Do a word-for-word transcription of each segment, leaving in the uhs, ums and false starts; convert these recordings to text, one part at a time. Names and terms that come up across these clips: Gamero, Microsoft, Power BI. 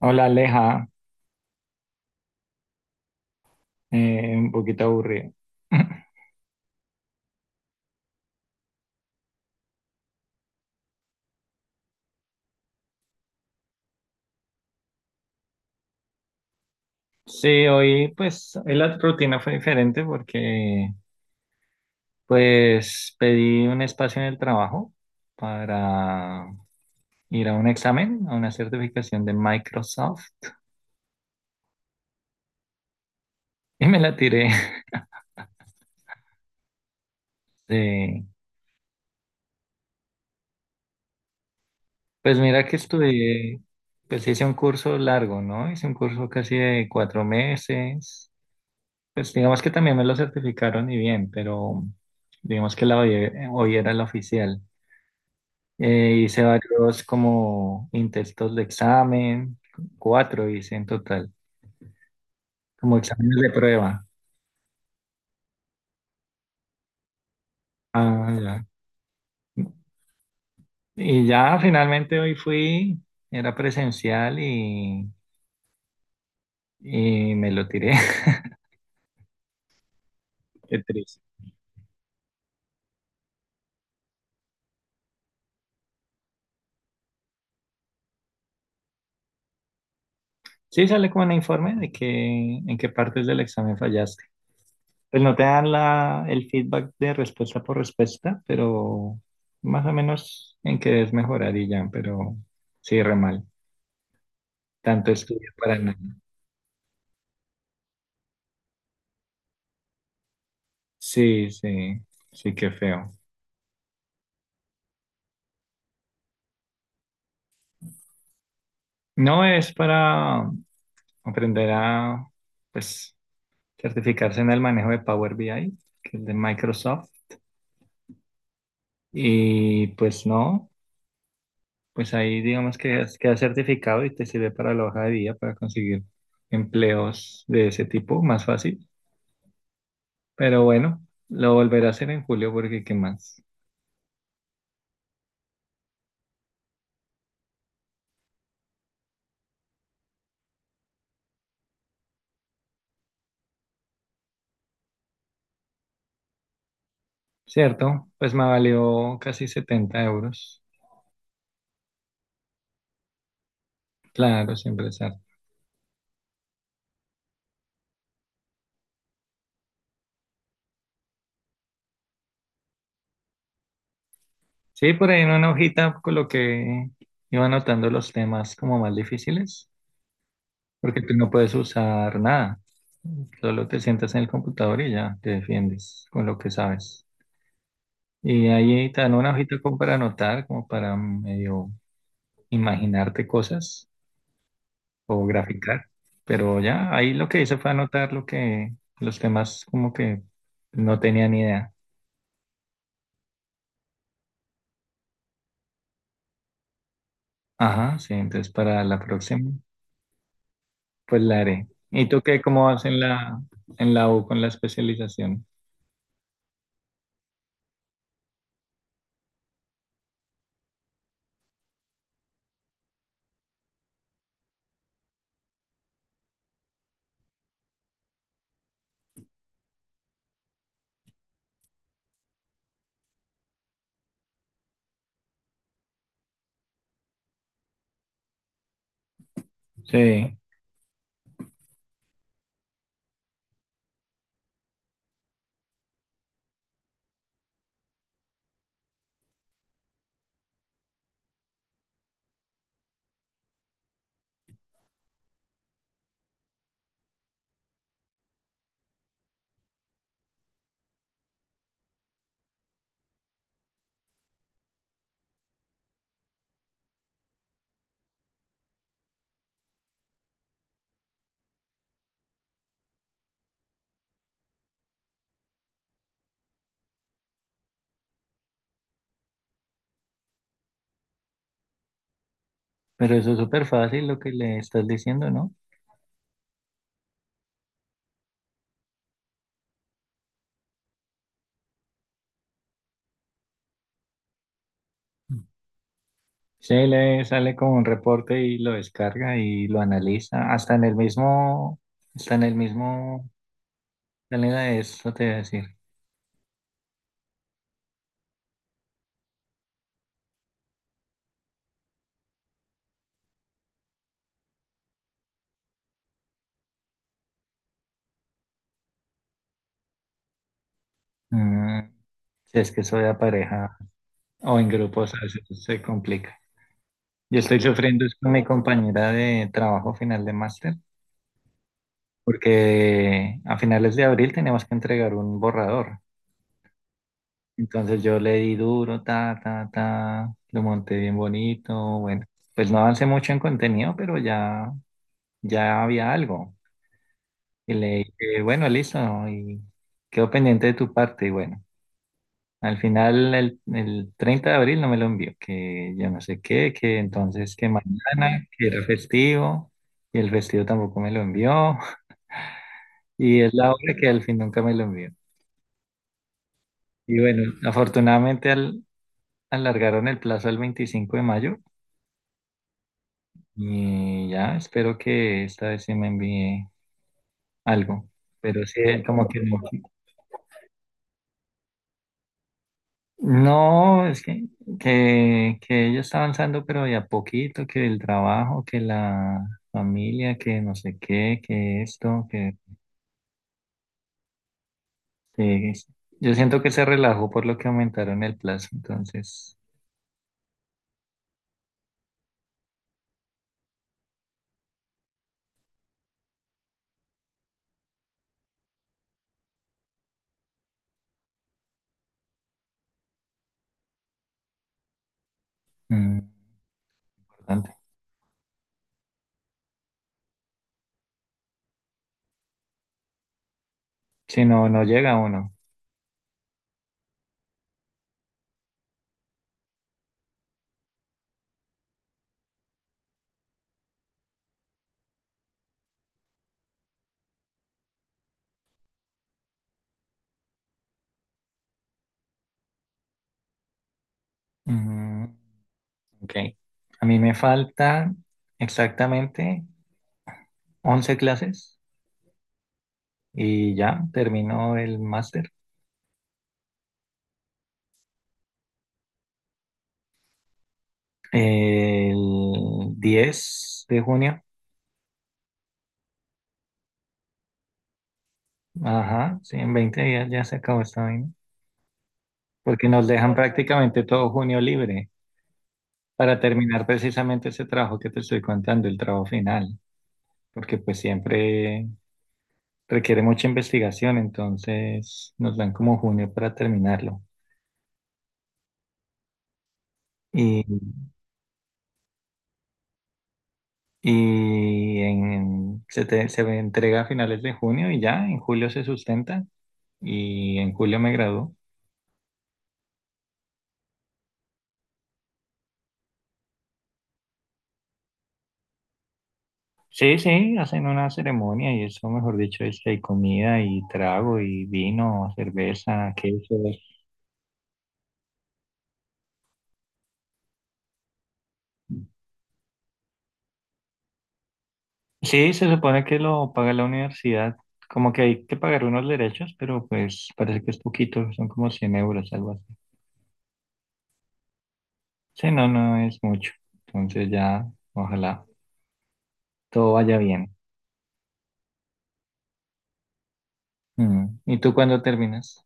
Hola Aleja. Eh, un poquito aburrido. Sí, hoy pues hoy la rutina fue diferente porque pues pedí un espacio en el trabajo para ir a un examen, a una certificación de Microsoft y me la tiré. Sí. Pues mira que estudié, pues hice un curso largo, ¿no? Hice un curso casi de cuatro meses. Pues digamos que también me lo certificaron y bien, pero digamos que la hoy hoy era la oficial. Eh, hice varios como intentos de examen, cuatro hice en total, como exámenes de prueba. Ah, ya. Y ya finalmente hoy fui, era presencial y, y me lo tiré. Qué triste. Sí, sale como un informe de que en qué partes del examen fallaste. Pues no te dan la, el feedback de respuesta por respuesta, pero más o menos en qué debes mejorar y ya, pero sí, re mal. Tanto estudio para nada. Sí, sí, sí, qué feo. No es para aprender a, pues, certificarse en el manejo de Power B I, que es de Microsoft. Y pues no, pues ahí digamos que es- queda certificado y te sirve para la hoja de vida, para conseguir empleos de ese tipo, más fácil. Pero bueno, lo volveré a hacer en julio porque qué más. Cierto, pues me valió casi setenta euros. Claro, siempre es. Sí, por ahí en una hojita coloqué, iba anotando los temas como más difíciles, porque tú no puedes usar nada. Solo te sientas en el computador y ya te defiendes con lo que sabes. Y ahí te dan una hojita como para anotar, como para medio imaginarte cosas o graficar. Pero ya, ahí lo que hice fue anotar lo que, los temas como que no tenía ni idea. Ajá, sí, entonces para la próxima. Pues la haré. ¿Y tú qué, cómo vas en la, en la U con la especialización? Sí, pero eso es súper fácil lo que le estás diciendo, ¿no? Sí, le sale con un reporte y lo descarga y lo analiza. Hasta en el mismo, hasta en el mismo, planeta eso te voy a decir. Mm, si es que soy de pareja o en grupos, a veces se complica. Yo estoy sufriendo es con mi compañera de trabajo final de máster, porque a finales de abril tenemos que entregar un borrador. Entonces yo le di duro, ta, ta, ta, lo monté bien bonito, bueno, pues no avancé mucho en contenido, pero ya, ya había algo. Y le dije, bueno, listo, ¿no? Y quedó pendiente de tu parte, y bueno, al final el, el treinta de abril no me lo envió, que yo no sé qué, que entonces que mañana, que era festivo, y el festivo tampoco me lo envió, y es la hora que al fin nunca me lo envió. Y bueno, afortunadamente al, alargaron el plazo al veinticinco de mayo. Y ya, espero que esta vez se me envíe algo. Pero sí, eh, como que no. No, es que, que, que ella está avanzando, pero de a poquito, que el trabajo, que la familia, que no sé qué, que esto, que, que- es- yo siento que se relajó por lo que aumentaron el plazo, entonces, mm, importante. Si no, no llega uno. Mm, ok. A mí me faltan exactamente once clases y ya terminó el máster el diez de junio. Ajá, sí, en veinte días ya se acabó esta vaina. Porque nos dejan prácticamente todo junio libre para terminar precisamente ese trabajo que te estoy contando, el trabajo final. Porque pues siempre requiere mucha investigación, entonces nos dan como junio para terminarlo. Y, y en- se, te- se me entrega a finales de junio y ya en julio se sustenta y en julio me graduó. Sí, sí, hacen una ceremonia y eso, mejor dicho, es que hay comida y trago y vino, cerveza, quesos. Sí, se supone que lo paga la universidad, como que hay que pagar unos derechos, pero pues parece que es poquito, son como cien euros, algo así. Sí, no, no es mucho. Entonces ya, ojalá todo vaya bien. Mm. ¿Y tú cuándo terminas?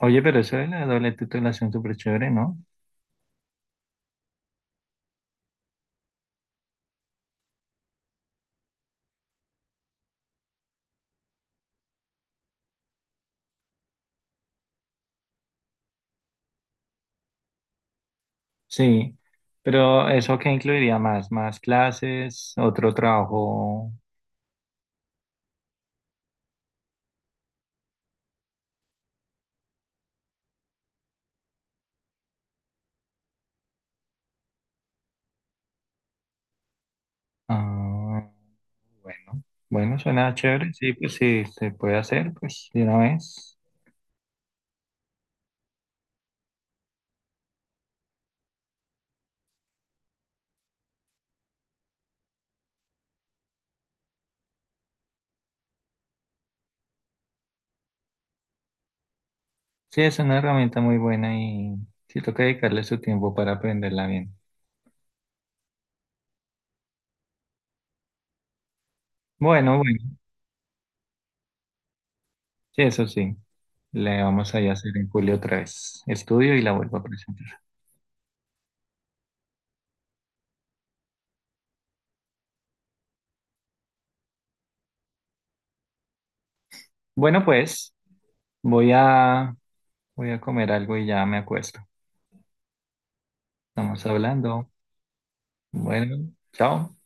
Oye, pero eso de la doble titulación súper chévere, ¿no? Sí, pero ¿eso qué incluiría más? ¿Más clases? ¿Otro trabajo? Ah, bueno, bueno, suena chévere, sí, pues sí, se puede hacer, pues de una vez. Sí, es una herramienta muy buena y sí toca dedicarle su tiempo para aprenderla bien. Bueno, bueno, sí, eso sí, le vamos a ir a hacer en julio otra vez estudio y la vuelvo a presentar. Bueno, pues voy a, voy a comer algo y ya me acuesto. Estamos hablando. Bueno, chao.